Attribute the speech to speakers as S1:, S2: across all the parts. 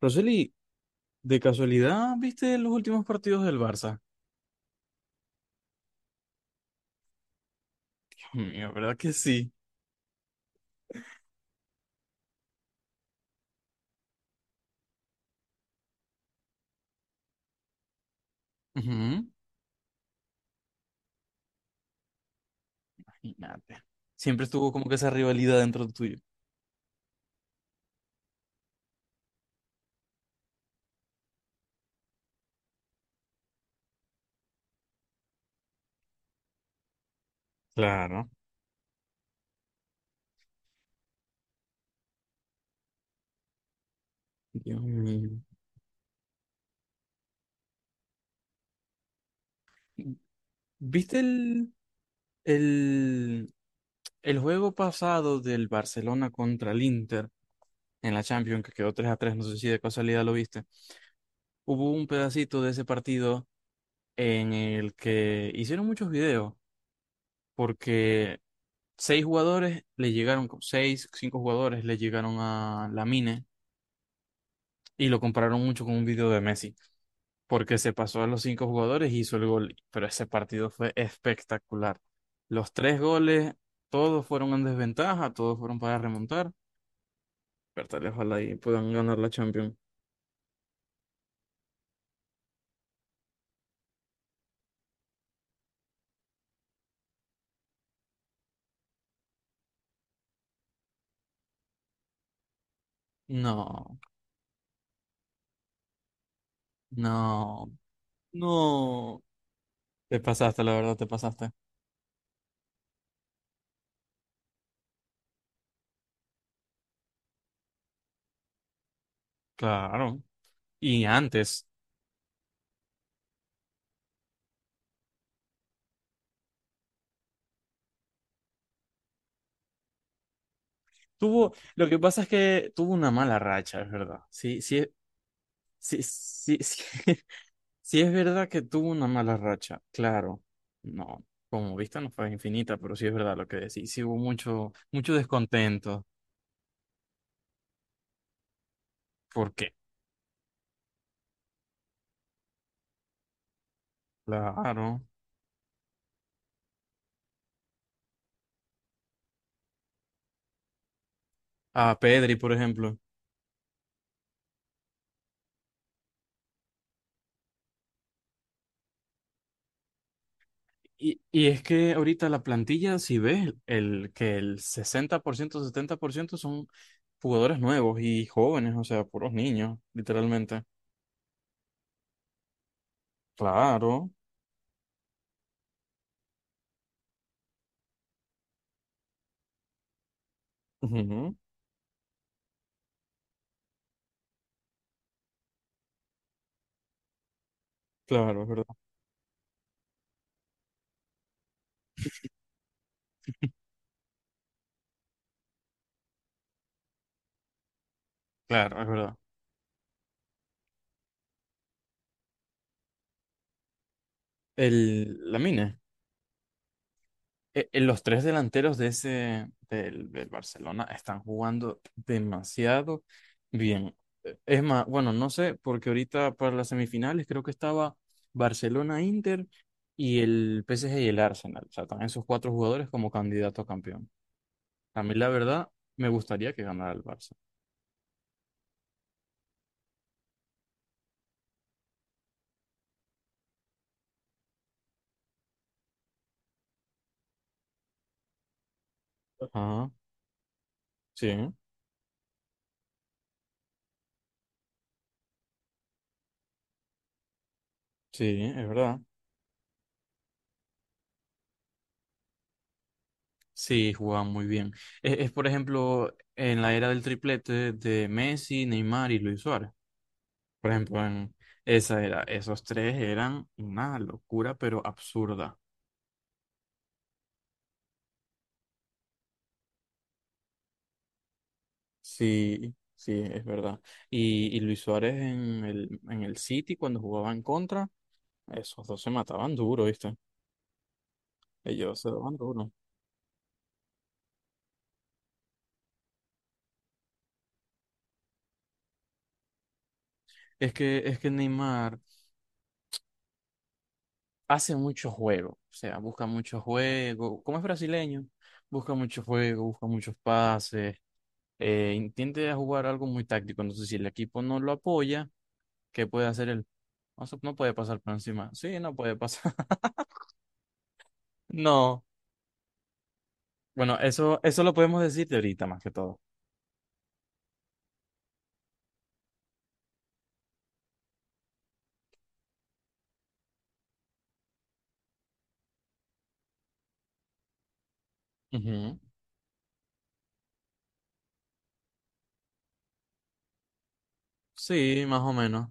S1: Roseli, ¿de casualidad viste los últimos partidos del Barça? Dios mío, ¿verdad que sí? Ujú. Imagínate. Siempre estuvo como que esa rivalidad dentro de tuyo. Claro. Dios mío. ¿Viste el, el juego pasado del Barcelona contra el Inter en la Champions, que quedó 3-3? No sé si de casualidad lo viste. Hubo un pedacito de ese partido en el que hicieron muchos videos, porque seis jugadores le llegaron, seis, cinco jugadores le llegaron a Lamine y lo compararon mucho con un video de Messi, porque se pasó a los cinco jugadores y hizo el gol, pero ese partido fue espectacular. Los tres goles, todos fueron en desventaja, todos fueron para remontar, pero tal vez ojalá y puedan ganar la Champions. No, no, no. Te pasaste, la verdad, te pasaste. Claro. Y antes, lo que pasa es que tuvo una mala racha, es verdad. Sí, sí, sí, sí, sí, sí es verdad que tuvo una mala racha, claro. No, como vista no fue infinita, pero sí es verdad lo que decís. Sí hubo mucho, mucho descontento. ¿Por qué? Claro. A Pedri, por ejemplo. Y es que ahorita la plantilla, si ves, que el 60%, 70% son jugadores nuevos y jóvenes, o sea, puros niños, literalmente. Claro. Ujú. Claro, es verdad. Claro, es verdad. El, la los tres delanteros de ese del Barcelona están jugando demasiado bien. Es más, bueno, no sé, porque ahorita para las semifinales creo que estaba Barcelona-Inter y el PSG y el Arsenal. O sea, están esos cuatro jugadores como candidato a campeón. A mí, la verdad, me gustaría que ganara el Barça. Ajá, sí, sí, es verdad. Sí, jugaban muy bien. Es, por ejemplo, en la era del triplete de Messi, Neymar y Luis Suárez. Por ejemplo, en esa era, esos tres eran una locura, pero absurda. Sí, sí, es verdad. Y Luis Suárez en el City, cuando jugaba en contra, esos dos se mataban duro, ¿viste? Ellos se daban duro. Es que Neymar hace mucho juego, o sea, busca mucho juego. Como es brasileño, busca mucho juego, busca muchos pases, intenta jugar algo muy táctico. Entonces, si el equipo no lo apoya, ¿qué puede hacer el? No, no puede pasar por encima. Sí, no puede pasar. No. Bueno, eso lo podemos decir de ahorita más que todo. Ujú. Sí, más o menos.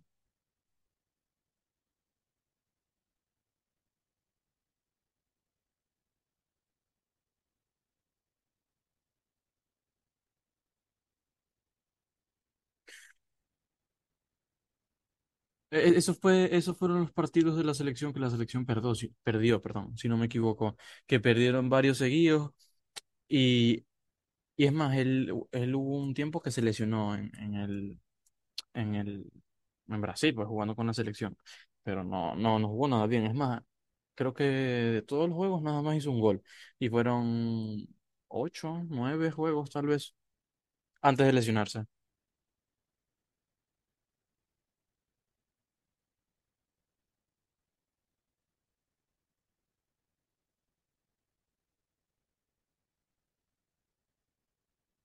S1: Esos fueron los partidos de la selección que la selección perdió, si, perdió, perdón, si no me equivoco, que perdieron varios seguidos y, y es más, él hubo un tiempo que se lesionó en el en Brasil, pues jugando con la selección, pero no jugó nada bien, es más, creo que de todos los juegos nada más hizo un gol y fueron ocho, nueve juegos tal vez antes de lesionarse.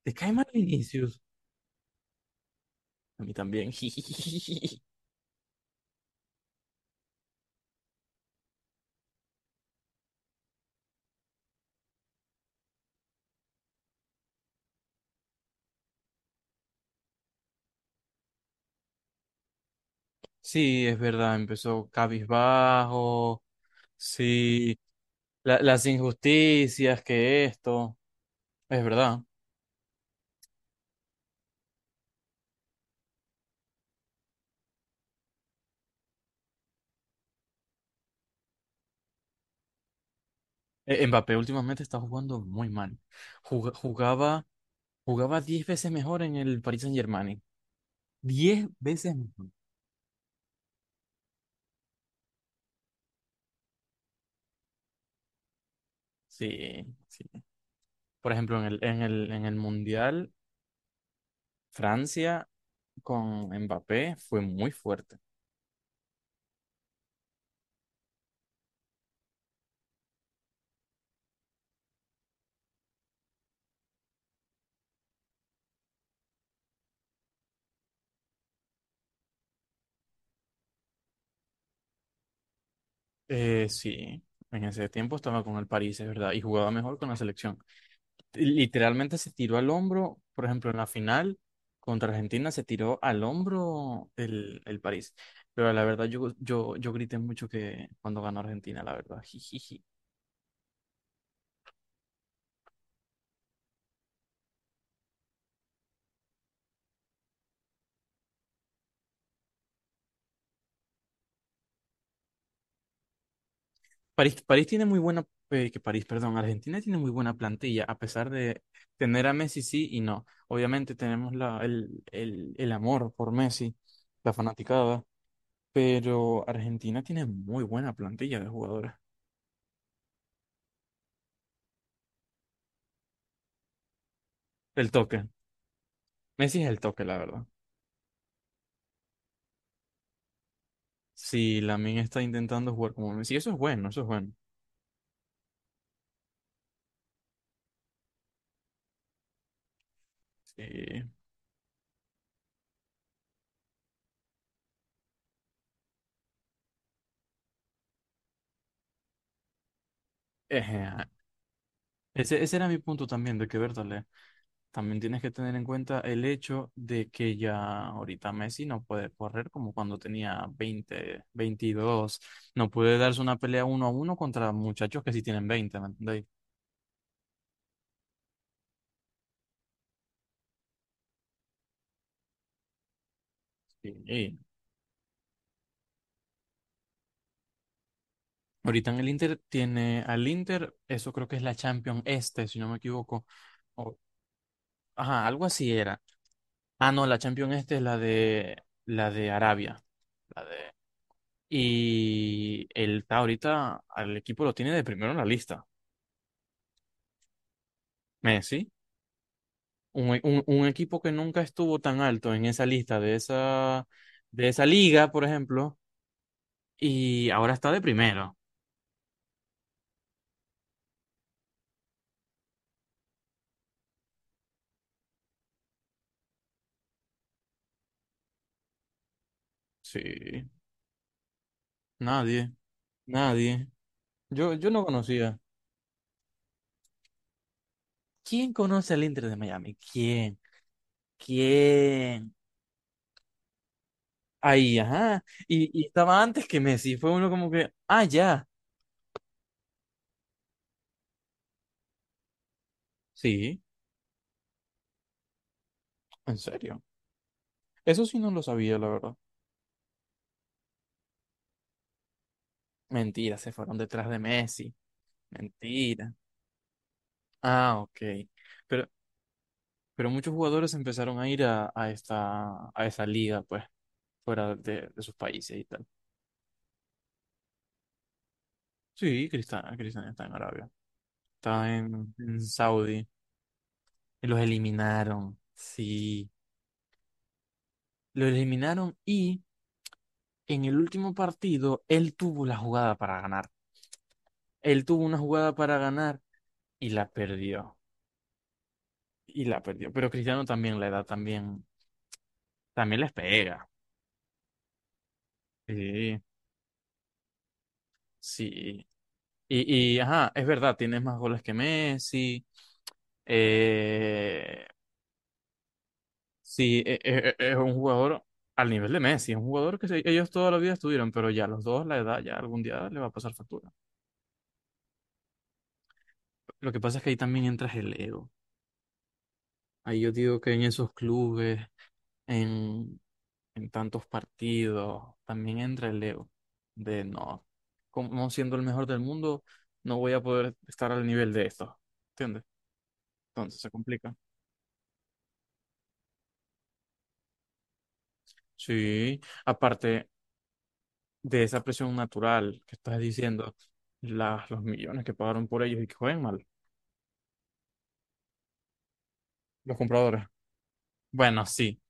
S1: ¿Te cae mal Vinicius? A mí también. Sí, es verdad, empezó cabizbajo. Sí, las injusticias que esto, es verdad. Mbappé últimamente está jugando muy mal. Juga- Jugaba Jugaba 10 veces mejor en el Paris Saint-Germain. Diez veces mejor. Sí, sí. Por ejemplo, en el Mundial, Francia con Mbappé fue muy fuerte. Sí, en ese tiempo estaba con el París, es verdad, y jugaba mejor con la selección. Literalmente se tiró al hombro, por ejemplo, en la final contra Argentina se tiró al hombro el París. Pero la verdad, yo grité mucho que cuando ganó Argentina, la verdad. Jijiji. París, París tiene muy buena, que París, perdón, Argentina tiene muy buena plantilla, a pesar de tener a Messi sí y no. Obviamente tenemos el amor por Messi, la fanaticada, pero Argentina tiene muy buena plantilla de jugadores. El toque. Messi es el toque, la verdad. Si Lamine está intentando jugar como Messi, eso es bueno, eso es bueno. Sí. Ejea. Ese era mi punto también, de que, verdad. También tienes que tener en cuenta el hecho de que ya ahorita Messi no puede correr como cuando tenía 20, 22 No puede darse una pelea uno a uno contra muchachos que sí tienen 20, ¿me entendéis? Y ahorita en el Inter tiene al Inter, eso creo que es la Champions Este, si no me equivoco. O- ajá, algo así era. Ah, no, la Champions Este es la de, Arabia. La de, y él está ahorita, al equipo lo tiene de primero en la lista. Messi, un equipo que nunca estuvo tan alto en esa lista de esa liga, por ejemplo, y ahora está de primero. Sí, nadie, nadie. Yo no conocía. ¿Quién conoce al Inter de Miami? ¿Quién? ¿Quién? Ahí, ajá. Y estaba antes que Messi. Fue uno como que, ya. Sí, en serio. Eso sí no lo sabía, la verdad. Mentira, se fueron detrás de Messi. Mentira. Ah, ok. Pero Pero muchos jugadores empezaron a ir a esta, a esa liga, pues, fuera de sus países y tal. Sí, Cristiano, Cristiano está en Arabia. Está en Saudi. Y los eliminaron. Sí. Los eliminaron y en el último partido él tuvo la jugada para ganar. Él tuvo una jugada para ganar y la perdió. Y la perdió. Pero Cristiano también la edad también, también les pega. Sí, sí. Ajá, es verdad, tienes más goles que Messi. eh, sí, un jugador al nivel de Messi, es un jugador que ellos toda la vida estuvieron, pero ya los dos, la edad, ya algún día le va a pasar factura. Lo que pasa es que ahí también entras el ego. Ahí yo digo que en esos clubes, en, en tantos partidos, también entra el ego de no, como siendo el mejor del mundo, no voy a poder estar al nivel de esto. ¿Entiendes? Entonces se complica. Sí. Aparte, de esa presión natural que estás diciendo, las los millones que pagaron por ellos y que juegan mal, los compradores. Bueno, sí,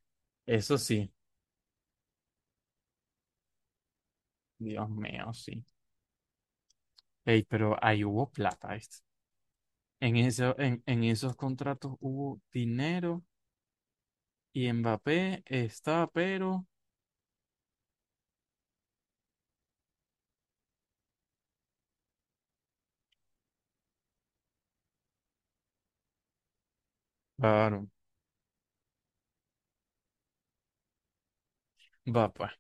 S1: eso sí. Dios mío, sí. Ey, pero ahí hubo plata, ¿viste? En esos contratos hubo dinero y Mbappé está, pero... Claro. Va, pues.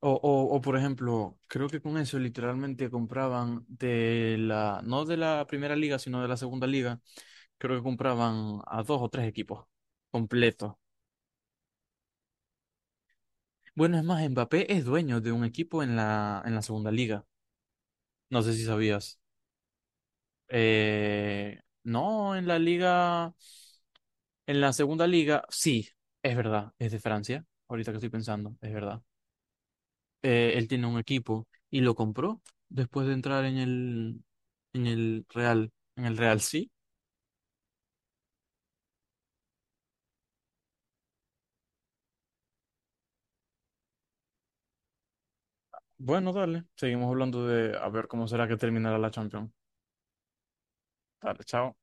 S1: O, por ejemplo, creo que con eso literalmente compraban de la, no de la primera liga, sino de la segunda liga, creo que compraban a dos o tres equipos completos. Bueno, es más, Mbappé es dueño de un equipo en la, segunda liga. No sé si sabías. No, en la segunda liga, sí, es verdad, es de Francia. Ahorita que estoy pensando, es verdad. Él tiene un equipo y lo compró después de entrar en el Real, sí. Bueno, dale, seguimos hablando de a ver cómo será que terminará la Champions. Dale, chao.